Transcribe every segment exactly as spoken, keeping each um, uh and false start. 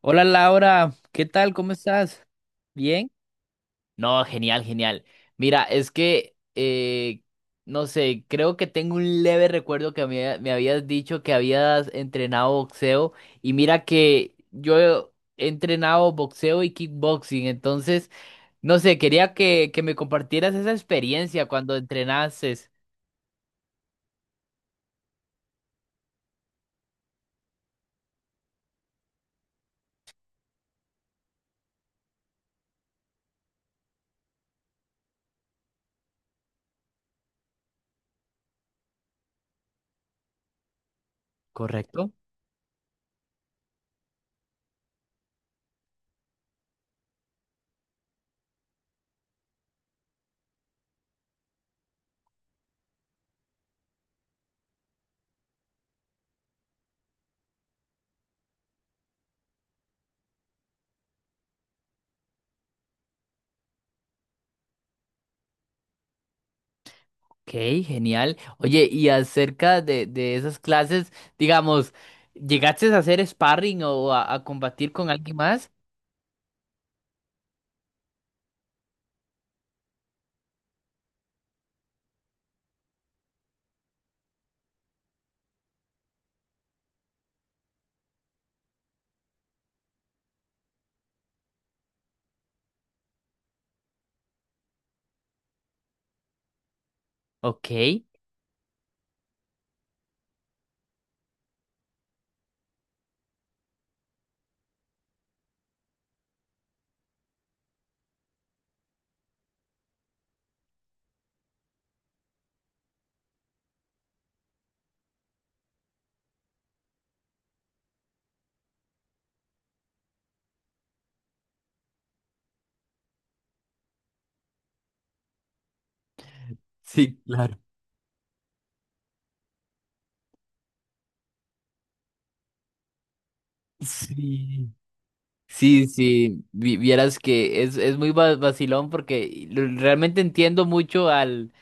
Hola Laura, ¿qué tal? ¿Cómo estás? ¿Bien? No, genial, genial. Mira, es que, eh, no sé, creo que tengo un leve recuerdo que me, me habías dicho que habías entrenado boxeo y mira que yo he entrenado boxeo y kickboxing, entonces, no sé, quería que, que me compartieras esa experiencia cuando entrenases, ¿correcto? Ok, genial. Oye, y acerca de, de esas clases, digamos, ¿llegaste a hacer sparring o a, a combatir con alguien más? Ok. Sí, claro. Sí. Sí, sí, vi- vieras que es, es muy va- vacilón porque lo- realmente entiendo mucho al,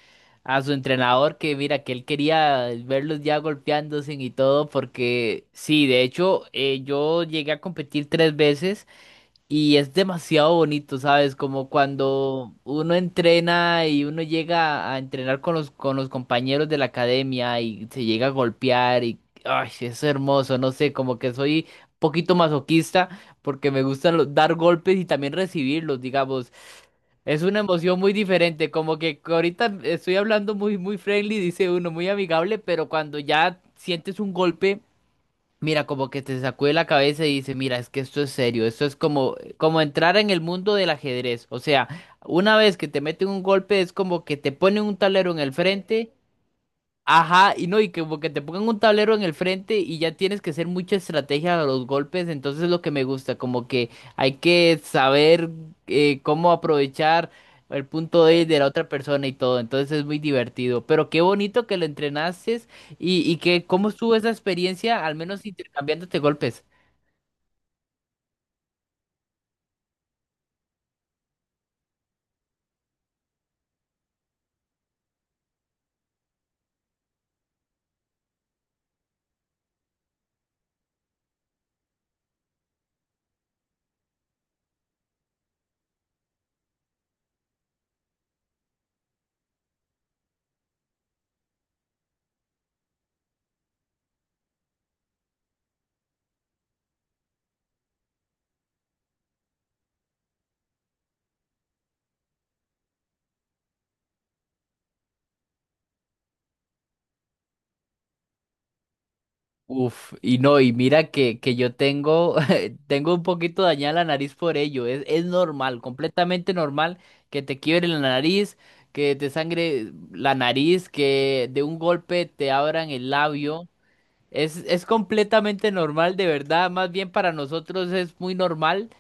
a su entrenador que mira que él quería verlos ya golpeándose y todo porque sí, de hecho eh, yo llegué a competir tres veces. Y es demasiado bonito, ¿sabes? Como cuando uno entrena y uno llega a entrenar con los, con los compañeros de la academia y se llega a golpear y ay, es hermoso, no sé, como que soy un poquito masoquista porque me gustan lo- dar golpes y también recibirlos, digamos. Es una emoción muy diferente, como que ahorita estoy hablando muy, muy friendly, dice uno, muy amigable, pero cuando ya sientes un golpe. Mira, como que te sacude la cabeza y dice, mira, es que esto es serio, esto es como, como entrar en el mundo del ajedrez. O sea, una vez que te meten un golpe es como que te ponen un tablero en el frente. Ajá, y no, y que como que te pongan un tablero en el frente y ya tienes que hacer mucha estrategia a los golpes, entonces es lo que me gusta, como que hay que saber eh, cómo aprovechar el punto débil de la otra persona y todo, entonces es muy divertido, pero qué bonito que lo entrenases y, y que cómo estuvo esa experiencia, al menos intercambiándote golpes. Uf, y no, y mira que, que yo tengo, tengo un poquito dañada la nariz por ello. Es, es normal, completamente normal que te quiebre la nariz, que te sangre la nariz, que de un golpe te abran el labio. Es, es completamente normal, de verdad. Más bien para nosotros es muy normal,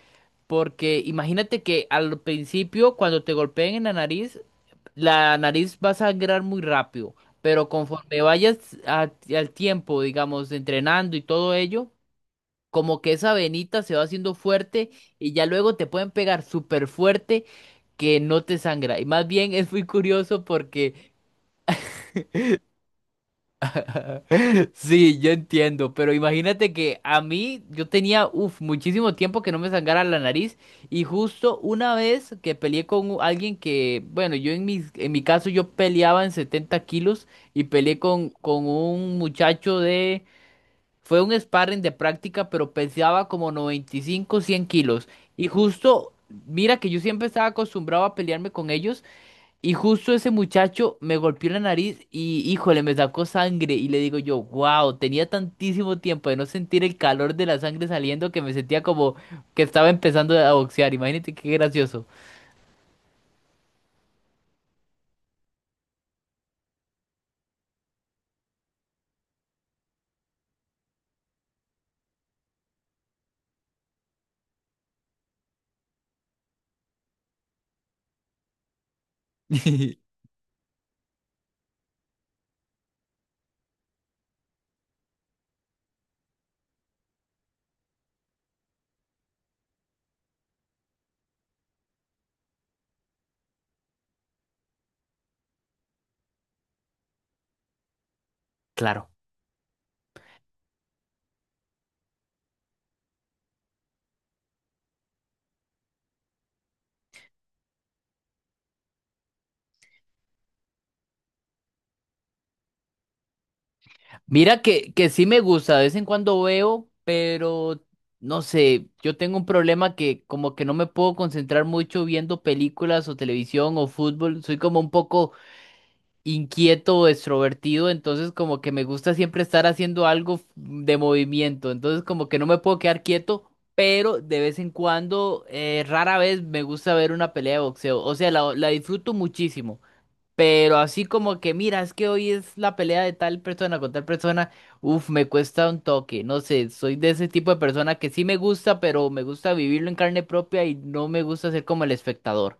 porque imagínate que al principio, cuando te golpeen en la nariz, la nariz va a sangrar muy rápido, pero conforme vayas a- al tiempo, digamos, entrenando y todo ello, como que esa venita se va haciendo fuerte y ya luego te pueden pegar súper fuerte que no te sangra. Y más bien es muy curioso porque... Sí, yo entiendo, pero imagínate que a mí yo tenía, uf, muchísimo tiempo que no me sangrara la nariz y justo una vez que peleé con u- alguien que, bueno, yo en mi, en mi caso yo peleaba en setenta kilos y peleé con, con un muchacho de, fue un sparring de práctica, pero pesaba como noventa y cinco cien kilos y justo, mira que yo siempre estaba acostumbrado a pelearme con ellos y justo ese muchacho me golpeó la nariz y, híjole, me sacó sangre. Y le digo yo, wow, tenía tantísimo tiempo de no sentir el calor de la sangre saliendo que me sentía como que estaba empezando a boxear. Imagínate qué gracioso. Claro. Mira que, que sí me gusta, de vez en cuando veo, pero no sé, yo tengo un problema que como que no me puedo concentrar mucho viendo películas o televisión o fútbol. Soy como un poco inquieto o extrovertido, entonces como que me gusta siempre estar haciendo algo f- de movimiento, entonces como que no me puedo quedar quieto, pero de vez en cuando, eh, rara vez me gusta ver una pelea de boxeo, o sea, la, la disfruto muchísimo, pero así como que, mira, es que hoy es la pelea de tal persona con tal persona, uff, me cuesta un toque, no sé, soy de ese tipo de persona que sí me gusta, pero me gusta vivirlo en carne propia y no me gusta ser como el espectador.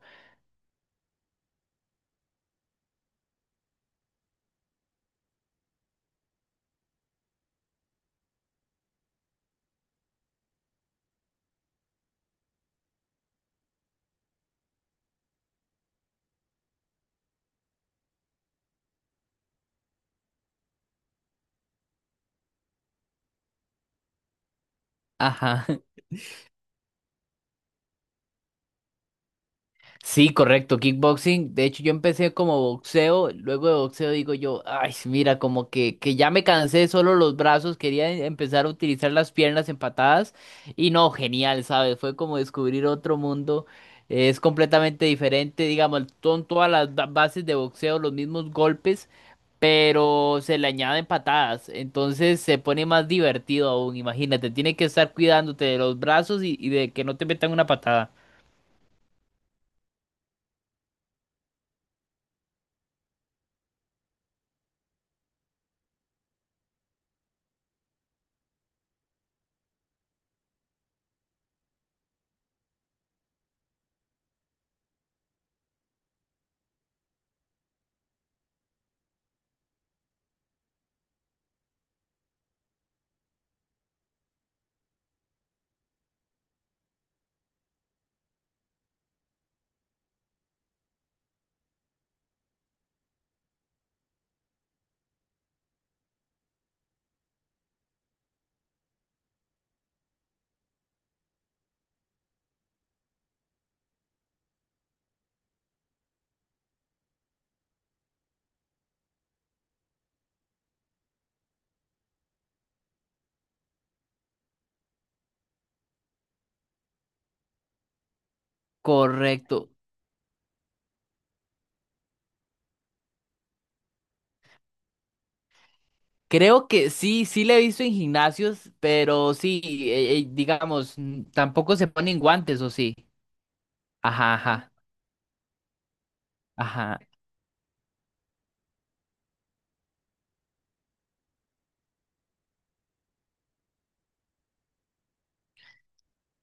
Ajá. Sí, correcto, kickboxing. De hecho, yo empecé como boxeo, luego de boxeo digo yo, ay, mira, como que, que ya me cansé de solo los brazos, quería em- empezar a utilizar las piernas en patadas y no, genial, ¿sabes? Fue como descubrir otro mundo, es completamente diferente, digamos, son todas las ba- bases de boxeo, los mismos golpes, pero se le añaden patadas, entonces se pone más divertido aún, imagínate, tiene que estar cuidándote de los brazos y, y de que no te metan una patada. Correcto. Creo que sí, sí le he visto en gimnasios, pero sí, eh, eh, digamos, mm, tampoco se ponen guantes, ¿o sí? Ajá, ajá, ajá.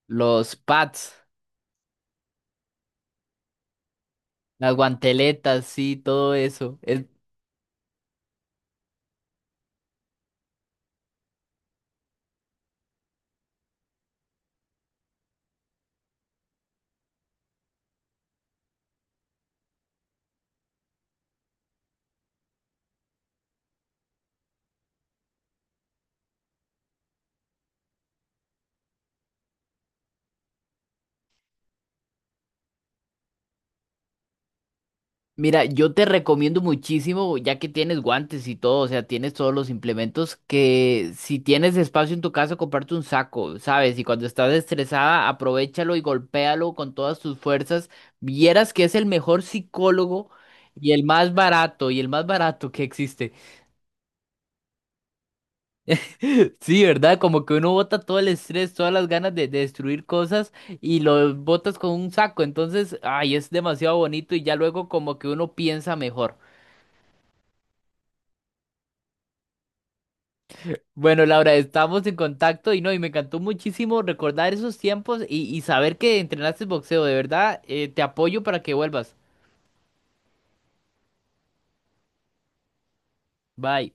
Los pads, las guanteletas, sí, todo eso. Es... Mira, yo te recomiendo muchísimo, ya que tienes guantes y todo, o sea, tienes todos los implementos, que si tienes espacio en tu casa, comparte un saco, ¿sabes? Y cuando estás estresada, aprovéchalo y golpéalo con todas tus fuerzas. Vieras que es el mejor psicólogo y el más barato, y el más barato que existe. Sí, ¿verdad? Como que uno bota todo el estrés, todas las ganas de, de destruir cosas y lo botas con un saco. Entonces, ay, es demasiado bonito y ya luego como que uno piensa mejor. Bueno, Laura, estamos en contacto y no, y me encantó muchísimo recordar esos tiempos y, y saber que entrenaste boxeo. De verdad, eh, te apoyo para que vuelvas. Bye.